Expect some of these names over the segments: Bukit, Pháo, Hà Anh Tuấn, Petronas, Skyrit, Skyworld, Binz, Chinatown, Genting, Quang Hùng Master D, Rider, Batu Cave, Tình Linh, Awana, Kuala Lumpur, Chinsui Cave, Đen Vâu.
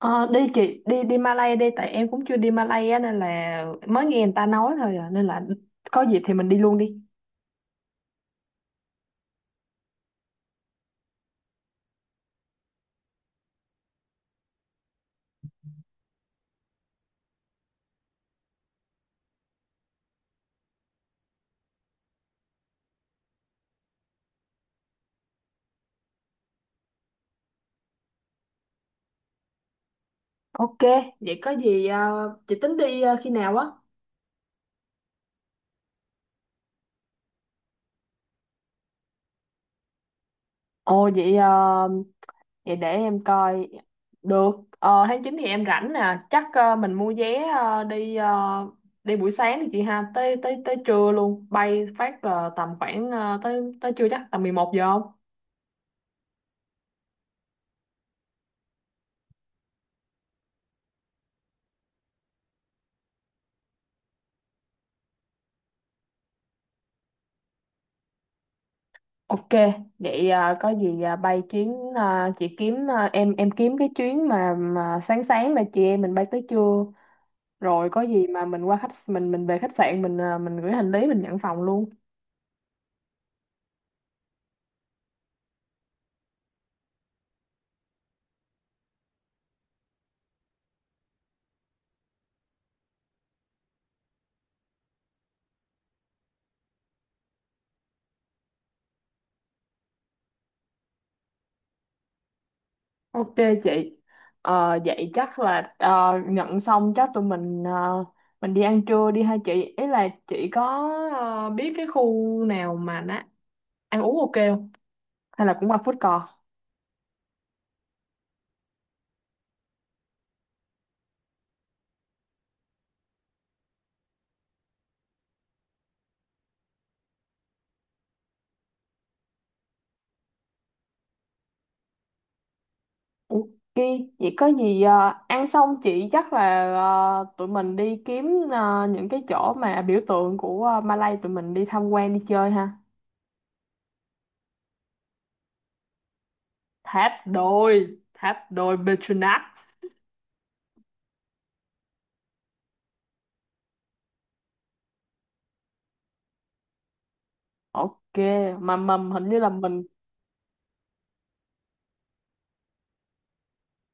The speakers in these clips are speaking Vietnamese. Ờ, đi chị đi đi Malay đi tại em cũng chưa đi Malay á nên là mới nghe người ta nói thôi à, nên là có dịp thì mình đi luôn đi. Ok, vậy có gì chị tính đi khi nào á? Ồ vậy ờ, vậy để em coi được tháng 9 thì em rảnh nè, chắc mình mua vé đi buổi sáng đi chị ha, tới tới tới trưa luôn, bay phát là tầm khoảng tới tới trưa chắc tầm 11 giờ. Ok, vậy có gì bay chuyến chị kiếm , em kiếm cái chuyến mà sáng sáng là chị em mình bay tới trưa, rồi có gì mà mình qua khách mình về khách sạn, mình mình gửi hành lý, mình nhận phòng luôn. Ok chị. Vậy chắc là nhận xong chắc tụi mình mình đi ăn trưa đi hai chị. Ý là chị có biết cái khu nào mà nó ăn uống ok không? Hay là cũng qua food court? Ok, vậy có gì ăn xong chị chắc là tụi mình đi kiếm những cái chỗ mà biểu tượng của Malay, tụi mình đi tham quan đi chơi ha. Tháp đôi Petronas. Ok, mà mầm hình như là mình...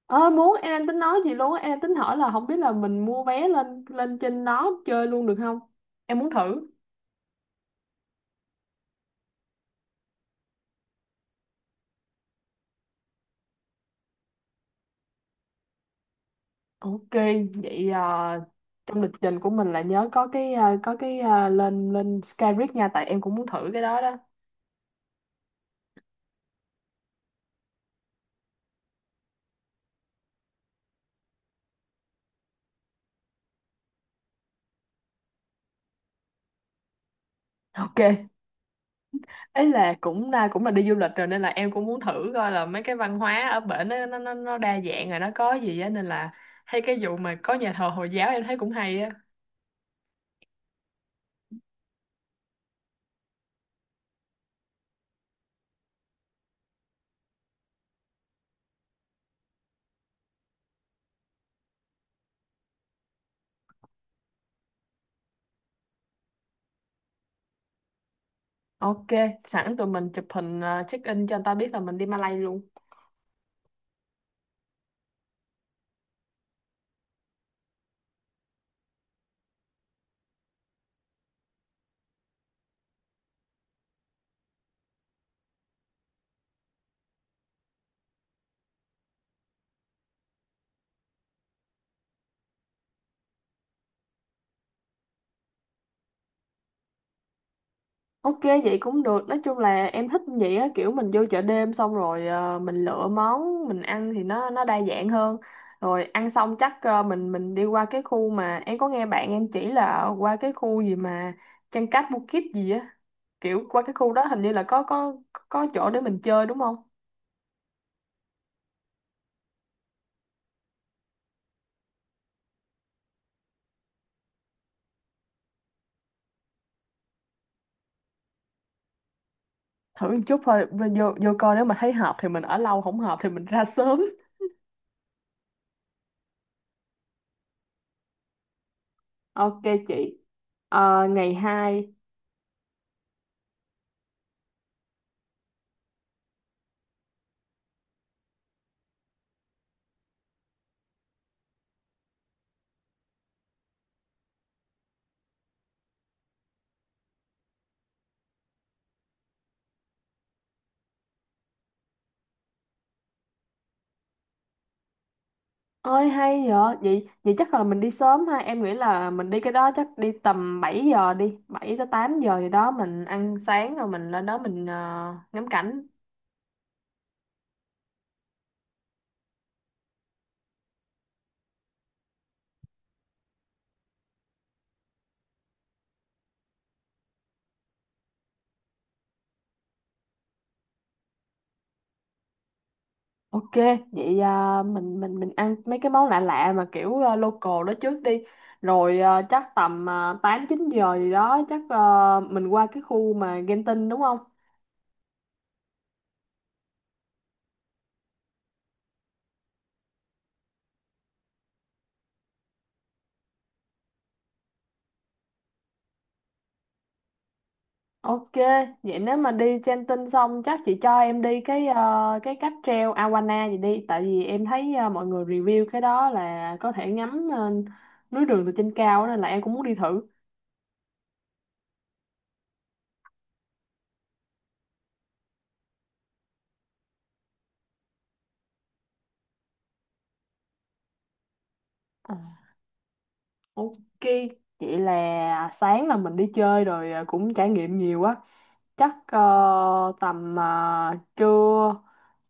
Ơ muốn, em đang tính nói gì luôn á, em đang tính hỏi là không biết là mình mua vé lên lên trên đó chơi luôn được không? Em muốn thử. Ok, vậy trong lịch trình của mình là nhớ có cái có cái à, lên lên Skyrit nha, tại em cũng muốn thử cái đó đó. Ok. Ấy là cũng là cũng là đi du lịch rồi nên là em cũng muốn thử coi là mấy cái văn hóa ở bển nó đa dạng rồi nó có gì á nên là hay cái vụ mà có nhà thờ Hồi giáo em thấy cũng hay á. Ok, sẵn tụi mình chụp hình check in cho người ta biết là mình đi Malay luôn. Ok vậy cũng được, nói chung là em thích vậy á, kiểu mình vô chợ đêm xong rồi mình lựa món mình ăn thì nó đa dạng hơn, rồi ăn xong chắc mình đi qua cái khu mà em có nghe bạn em chỉ là qua cái khu gì mà Chăn cát Bukit gì á, kiểu qua cái khu đó hình như là có chỗ để mình chơi đúng không? Thử một chút thôi, vô vô vô coi nếu mà thấy hợp thì mình ở lâu, không hợp thì mình ra sớm. Ok chị. Ngày 2, ơi hay vậy, vậy chắc là mình đi sớm ha, em nghĩ là mình đi cái đó chắc đi tầm 7 giờ, đi 7 tới 8 giờ gì đó mình ăn sáng rồi mình lên đó mình ngắm cảnh. Ok, vậy mình ăn mấy cái món lạ lạ mà kiểu local đó trước đi. Rồi chắc tầm 8 9 giờ gì đó chắc mình qua cái khu mà Genting đúng không? Ok, vậy nếu mà đi Genting xong chắc chị cho em đi cái cái cáp treo Awana gì đi, tại vì em thấy mọi người review cái đó là có thể ngắm núi đường từ trên cao á, nên là em cũng muốn đi thử. Ok, vậy là sáng là mình đi chơi rồi cũng trải nghiệm nhiều quá. Chắc tầm à, trưa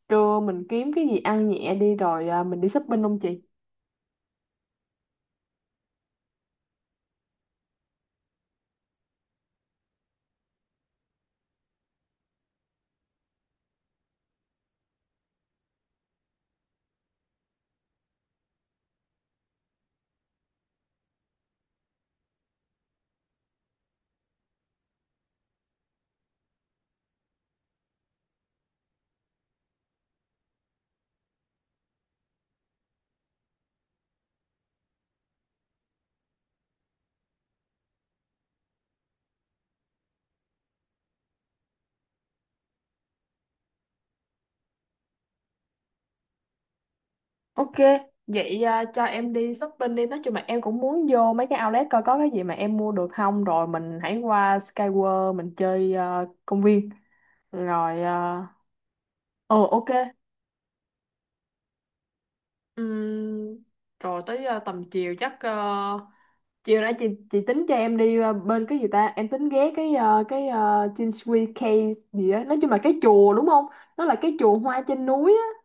trưa mình kiếm cái gì ăn nhẹ đi rồi mình đi shopping không chị? Ok, vậy cho em đi shopping đi. Nói chung là em cũng muốn vô mấy cái outlet coi có cái gì mà em mua được không. Rồi mình hãy qua Skyworld mình chơi công viên. Rồi, ờ, ok. Ừm, rồi tới tầm chiều chắc chiều nãy chị tính cho em đi bên cái gì ta, em tính ghé cái cái Chinsui Cave gì á, nói chung là cái chùa đúng không, nó là cái chùa hoa trên núi á.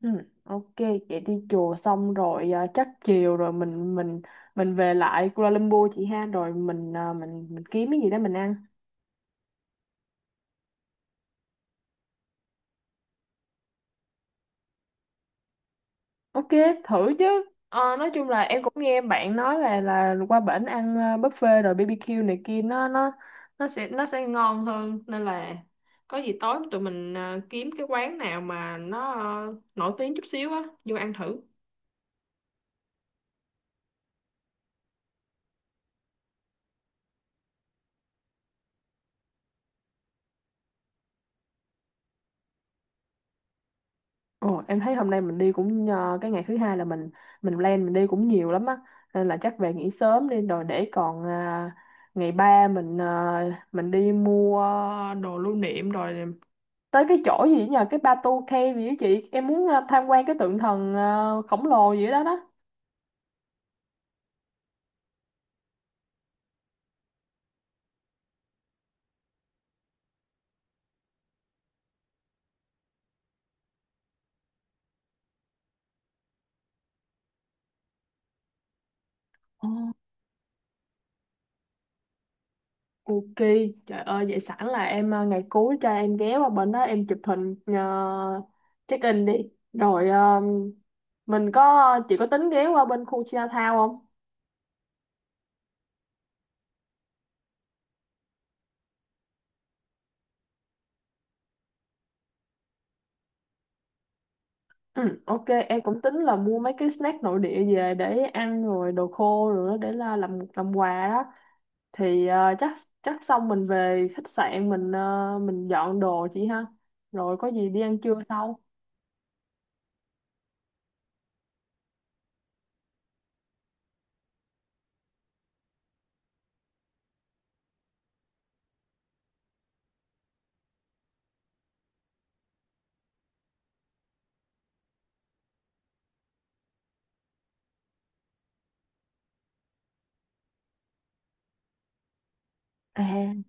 Ừ, ok, vậy đi chùa xong rồi chắc chiều rồi mình về lại Kuala Lumpur chị ha, rồi mình mình kiếm cái gì đó mình ăn. Ok, thử chứ. Nói chung là em cũng nghe bạn nói là qua bển ăn buffet rồi BBQ này kia nó sẽ ngon hơn nên là có gì tối tụi mình kiếm cái quán nào mà nó nổi tiếng chút xíu á, vô ăn thử. Ồ, em thấy hôm nay mình đi cũng cái ngày thứ hai là mình plan mình đi cũng nhiều lắm á, nên là chắc về nghỉ sớm đi rồi để còn ngày ba mình mình đi mua đồ lưu niệm, rồi tới cái chỗ gì nhờ, cái Batu Cave gì đó chị, em muốn tham quan cái tượng thần khổng lồ gì đó đó. Ồ, Ok, trời ơi, vậy sẵn là em ngày cuối cho em ghé qua bên đó em chụp hình check in đi. Rồi mình có, chị có tính ghé qua bên khu Chinatown không? Ừ, ok, em cũng tính là mua mấy cái snack nội địa về để ăn, rồi đồ khô rồi đó để là làm quà đó. Thì ờ, chắc chắc xong mình về khách sạn mình mình dọn đồ chị ha, rồi có gì đi ăn trưa sau. À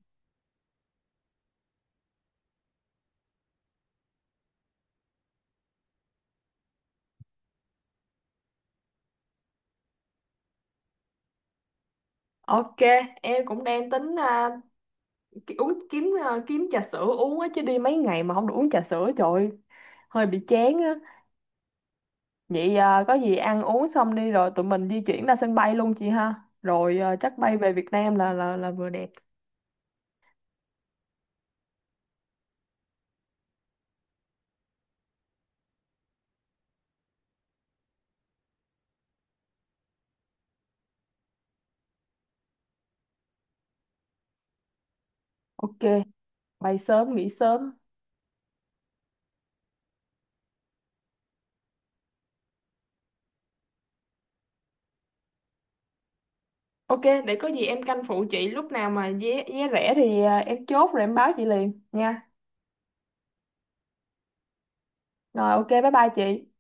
ok, em cũng đang tính kiếm trà sữa uống á, chứ đi mấy ngày mà không được uống trà sữa trời ơi, hơi bị chán á. Vậy có gì ăn uống xong đi rồi tụi mình di chuyển ra sân bay luôn chị ha, rồi chắc bay về Việt Nam là vừa đẹp. Ok, bay sớm nghỉ sớm. Ok, để có gì em canh phụ chị lúc nào mà vé vé rẻ thì em chốt rồi em báo chị liền nha. Rồi ok, bye bye chị.